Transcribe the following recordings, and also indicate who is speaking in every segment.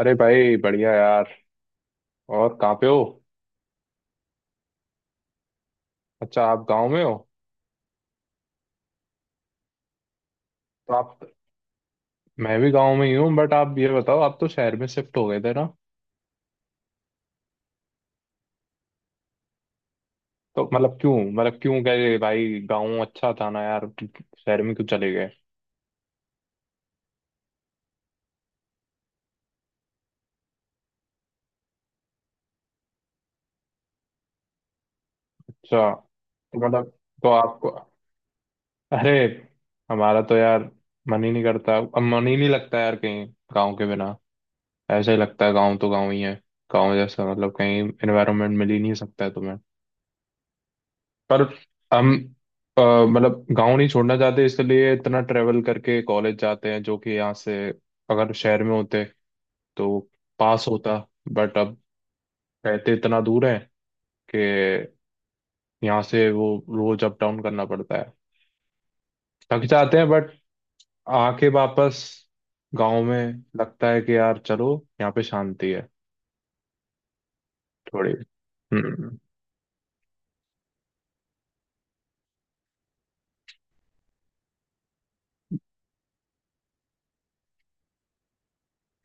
Speaker 1: अरे भाई बढ़िया यार। और कहाँ पे हो? अच्छा, आप गांव में हो। तो आप मैं भी गांव में ही हूँ, बट आप ये बताओ, आप तो शहर में शिफ्ट हो गए थे ना? तो मतलब क्यों, गए भाई, गांव अच्छा था ना यार? शहर में क्यों चले गए? अच्छा तो मतलब तो आपको अरे, हमारा तो यार मन ही नहीं करता, अब मन ही नहीं लगता यार, कहीं गांव के बिना। ऐसा ही लगता है, गांव तो गांव ही है। गांव जैसा मतलब कहीं एनवायरनमेंट मिल ही नहीं सकता है तुम्हें। पर हम मतलब गांव नहीं छोड़ना चाहते इसलिए इतना ट्रेवल करके कॉलेज जाते हैं, जो कि यहाँ से अगर शहर में होते तो पास होता, बट अब रहते इतना दूर है कि यहाँ से वो रोज अप डाउन करना पड़ता है। थक जाते हैं बट आके वापस गांव में लगता है कि यार चलो, यहाँ पे शांति है। थोड़ी। हम्म।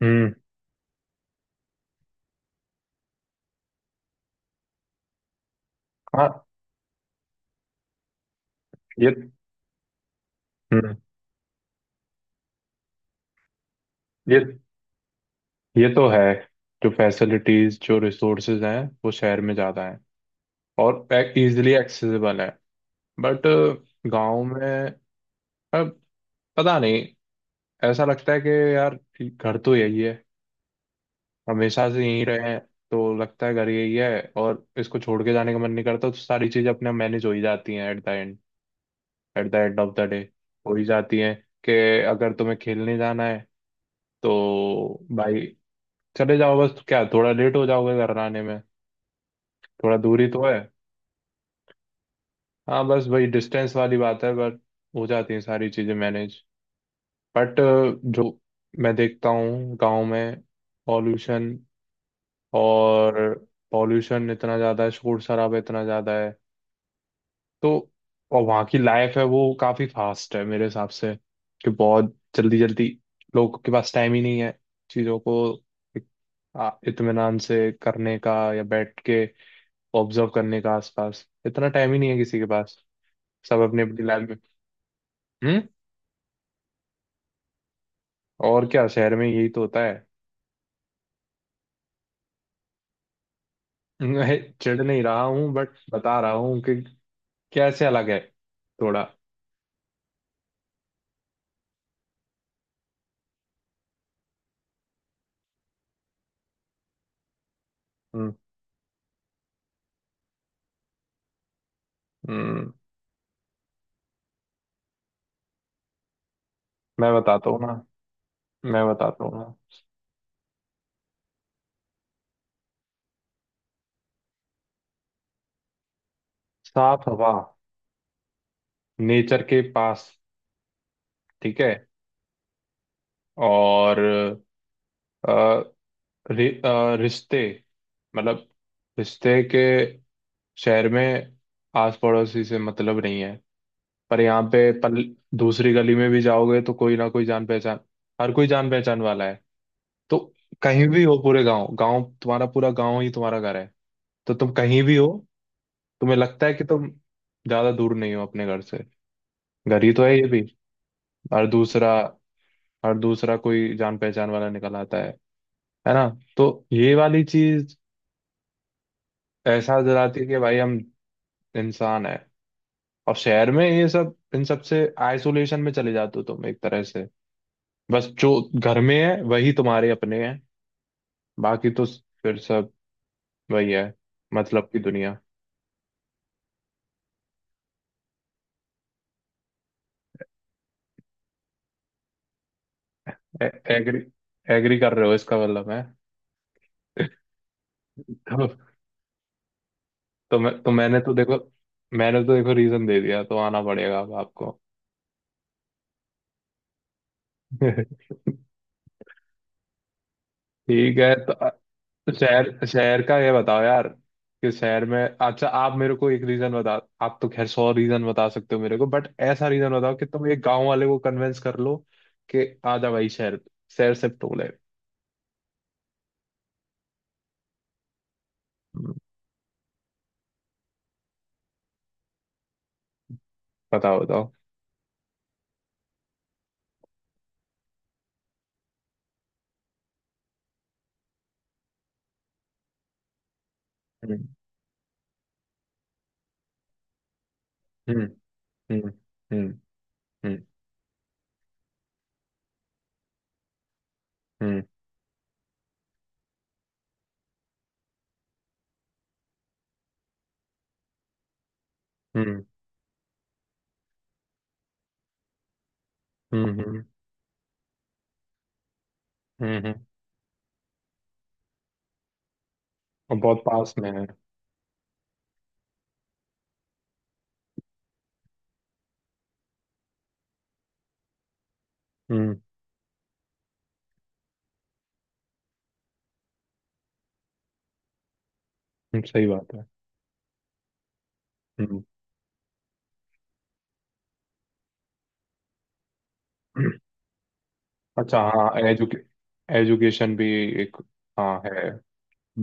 Speaker 1: हम्म। हाँ। ये। हम्म। ये ये तो है। जो फैसिलिटीज, जो रिसोर्सेज हैं वो शहर में ज़्यादा हैं और इजीली एक्सेसिबल है, बट गांव में अब पता नहीं, ऐसा लगता है कि यार घर तो यही है। हमेशा से यहीं रहे हैं, तो लगता है घर यही है और इसको छोड़ के जाने का मन नहीं करता, तो सारी चीज़ें अपने मैनेज हो ही जाती हैं at the end. At the end of the day हो ही जाती हैं। कि अगर तुम्हें खेलने जाना है तो भाई चले जाओ, बस क्या, थोड़ा लेट हो जाओगे घर आने में, थोड़ा दूरी तो है। हाँ, बस वही डिस्टेंस वाली बात है, बट हो जाती हैं सारी चीज़ें मैनेज। बट जो मैं देखता हूँ गांव में, पॉल्यूशन, और पॉल्यूशन इतना ज़्यादा है, शोर शराबा इतना ज़्यादा है। तो और वहाँ की लाइफ है वो काफ़ी फास्ट है मेरे हिसाब से, कि बहुत जल्दी जल्दी लोगों के पास टाइम ही नहीं है चीज़ों को एक, इत्मीनान से करने का या बैठ के ऑब्जर्व करने का, आसपास इतना टाइम ही नहीं है किसी के पास। सब अपनी अपनी लाइफ में। हम्म? और क्या, शहर में यही तो होता है। मैं चिढ़ नहीं रहा हूँ बट बता रहा हूँ कि कैसे अलग है थोड़ा। हम्म। हम्म। मैं बताता हूँ ना, मैं बताता हूँ ना। साफ हवा, नेचर के पास। ठीक है। और अ, रिश्ते, मतलब रिश्ते के। शहर में आस पड़ोसी से मतलब नहीं है, पर यहाँ पे पल दूसरी गली में भी जाओगे तो कोई ना कोई जान पहचान, हर कोई जान पहचान वाला है। तो कहीं भी हो पूरे गांव, गांव तुम्हारा, पूरा गांव ही तुम्हारा घर है। तो तुम कहीं भी हो, तुम्हें लगता है कि तुम ज्यादा दूर नहीं हो अपने घर से, घर ही तो है ये भी। और दूसरा, कोई जान पहचान वाला निकल आता है ना? तो ये वाली चीज एहसास दिलाती है कि भाई हम इंसान है, और शहर में ये सब, इन सब से आइसोलेशन में चले जाते हो तुम एक तरह से। बस जो घर में है वही तुम्हारे अपने हैं, बाकी तो फिर सब वही है, मतलब की दुनिया। ए- एग्री एग्री कर रहे हो, इसका मतलब है। तो, मैंने तो देखो, रीजन दे दिया, तो आना पड़ेगा अब आपको। ठीक है, तो अ- शहर शहर का ये बताओ यार, कि शहर में, अच्छा आप मेरे को एक रीजन बता। आप तो खैर 100 रीजन बता सकते हो मेरे को, बट ऐसा रीजन बताओ कि तुम एक गांव वाले को कन्विंस कर लो कि आ जा भाई शहर, शिफ्ट हो ले। हम्म। बताओ बताओ। हम्म। हम्म। हम्म। हम्म। हम्म। हम्म। हम्म। हम्म। हम्म। हम्म। और बहुत पास में है। हम्म। हम्म। सही बात है। हम्म। अच्छा, हाँ, एजुकेशन भी। एक, हाँ, है।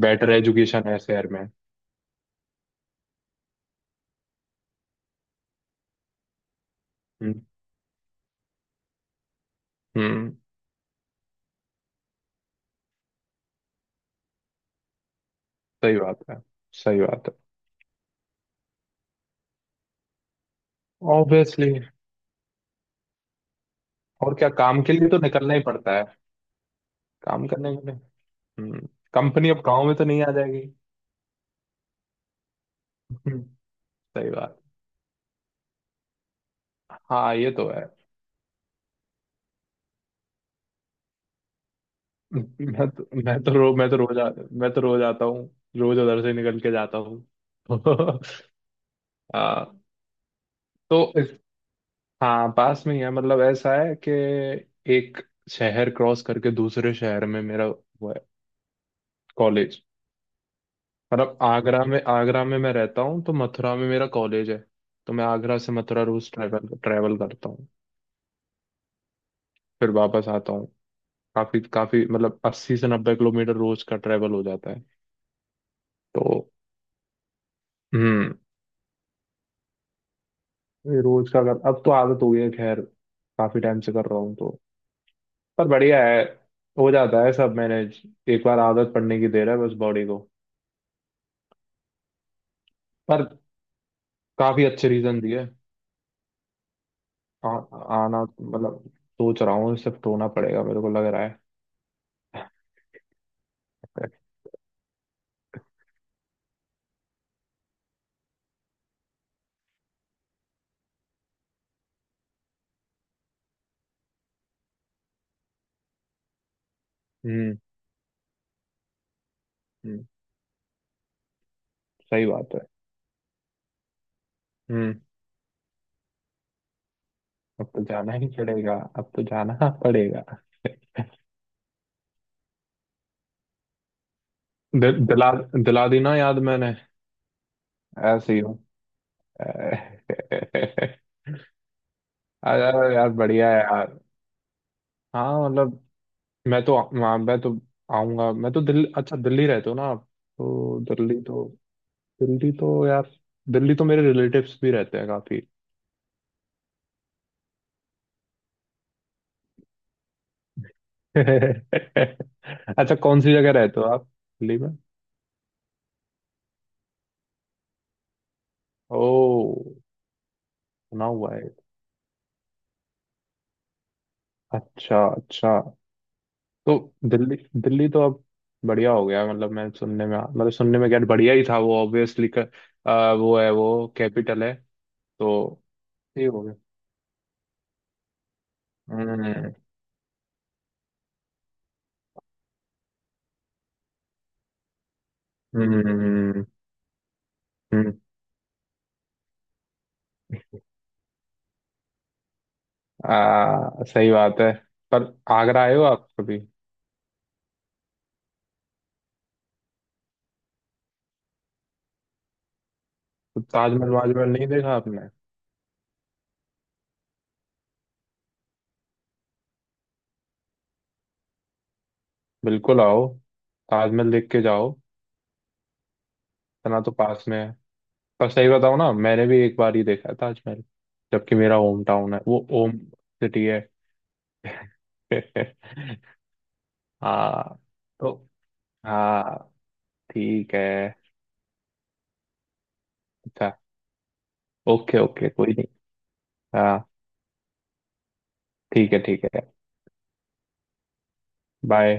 Speaker 1: बेटर एजुकेशन है शहर में। हम्म। हम्म। सही बात है। सही बात है। ऑब्वियसली। और क्या, काम के लिए तो निकलना ही पड़ता है। काम करने के लिए। हम्म। कंपनी अब गाँव में तो नहीं आ जाएगी। हम्म, सही बात। हाँ, ये तो है। मैं तो रो मैं तो मैं तो रोज आता हूँ। रोज उधर से निकल के जाता हूँ। हाँ। तो हाँ, पास में ही है, मतलब ऐसा है कि एक शहर क्रॉस करके दूसरे शहर में मेरा वो है कॉलेज। मतलब आगरा में मैं रहता हूँ तो मथुरा में मेरा कॉलेज है। तो मैं आगरा से मथुरा रोज ट्रैवल ट्रैवल करता हूँ। फिर वापस आता हूँ। काफी काफी मतलब 80 से 90 किलोमीटर रोज का ट्रैवल हो जाता है। तो हम्म। ये रोज का, अगर अब तो आदत हो गई है खैर, काफी टाइम से कर रहा हूँ तो, पर बढ़िया है। हो जाता है सब मैनेज। एक बार आदत पड़ने की देर है बस बॉडी को। पर काफी अच्छे रीजन दिए। आना मतलब सोच रहा हूँ, शिफ्ट होना पड़ेगा मेरे को लग रहा है। हम्म। हम्म, सही बात है। हम्म। अब तो जाना ही पड़ेगा, अब तो जाना पड़ेगा। दि, दिला दिला दी ना याद मैंने। ऐसे ही हूँ। अरे यार बढ़िया है यार। हाँ मतलब, मैं तो आ- मैं तो आऊंगा। मैं तो दिल्ली अच्छा, दिल्ली रहते हो ना आप? तो दिल्ली तो दिल्ली तो यार दिल्ली तो मेरे रिलेटिव्स भी रहते हैं काफी। अच्छा, कौन सी जगह रहते हो आप, दिल्ली में? ओ। सुना हुआ है। अच्छा, अच्छा। तो दिल्ली दिल्ली तो अब बढ़िया हो गया, मतलब मैं सुनने में, क्या बढ़िया ही था वो, ऑब्वियसली कर, आ, वो है वो कैपिटल है। तो ठीक हो गया। हम्म। हम्म। हम्म। हम्म। सही बात है। पर आगरा आए हो आप कभी? तो ताजमहल वाजमहल नहीं देखा आपने? बिल्कुल आओ। ताजमहल देख के जाओ, इतना तो पास में है। पर सही बताओ ना, मैंने भी एक बार ही देखा है ताजमहल, जबकि मेरा होम टाउन है वो, होम सिटी है। हाँ। तो हाँ। ठीक है। अच्छा, ओके, ओके, कोई नहीं। हाँ, ठीक है, ठीक है। बाय।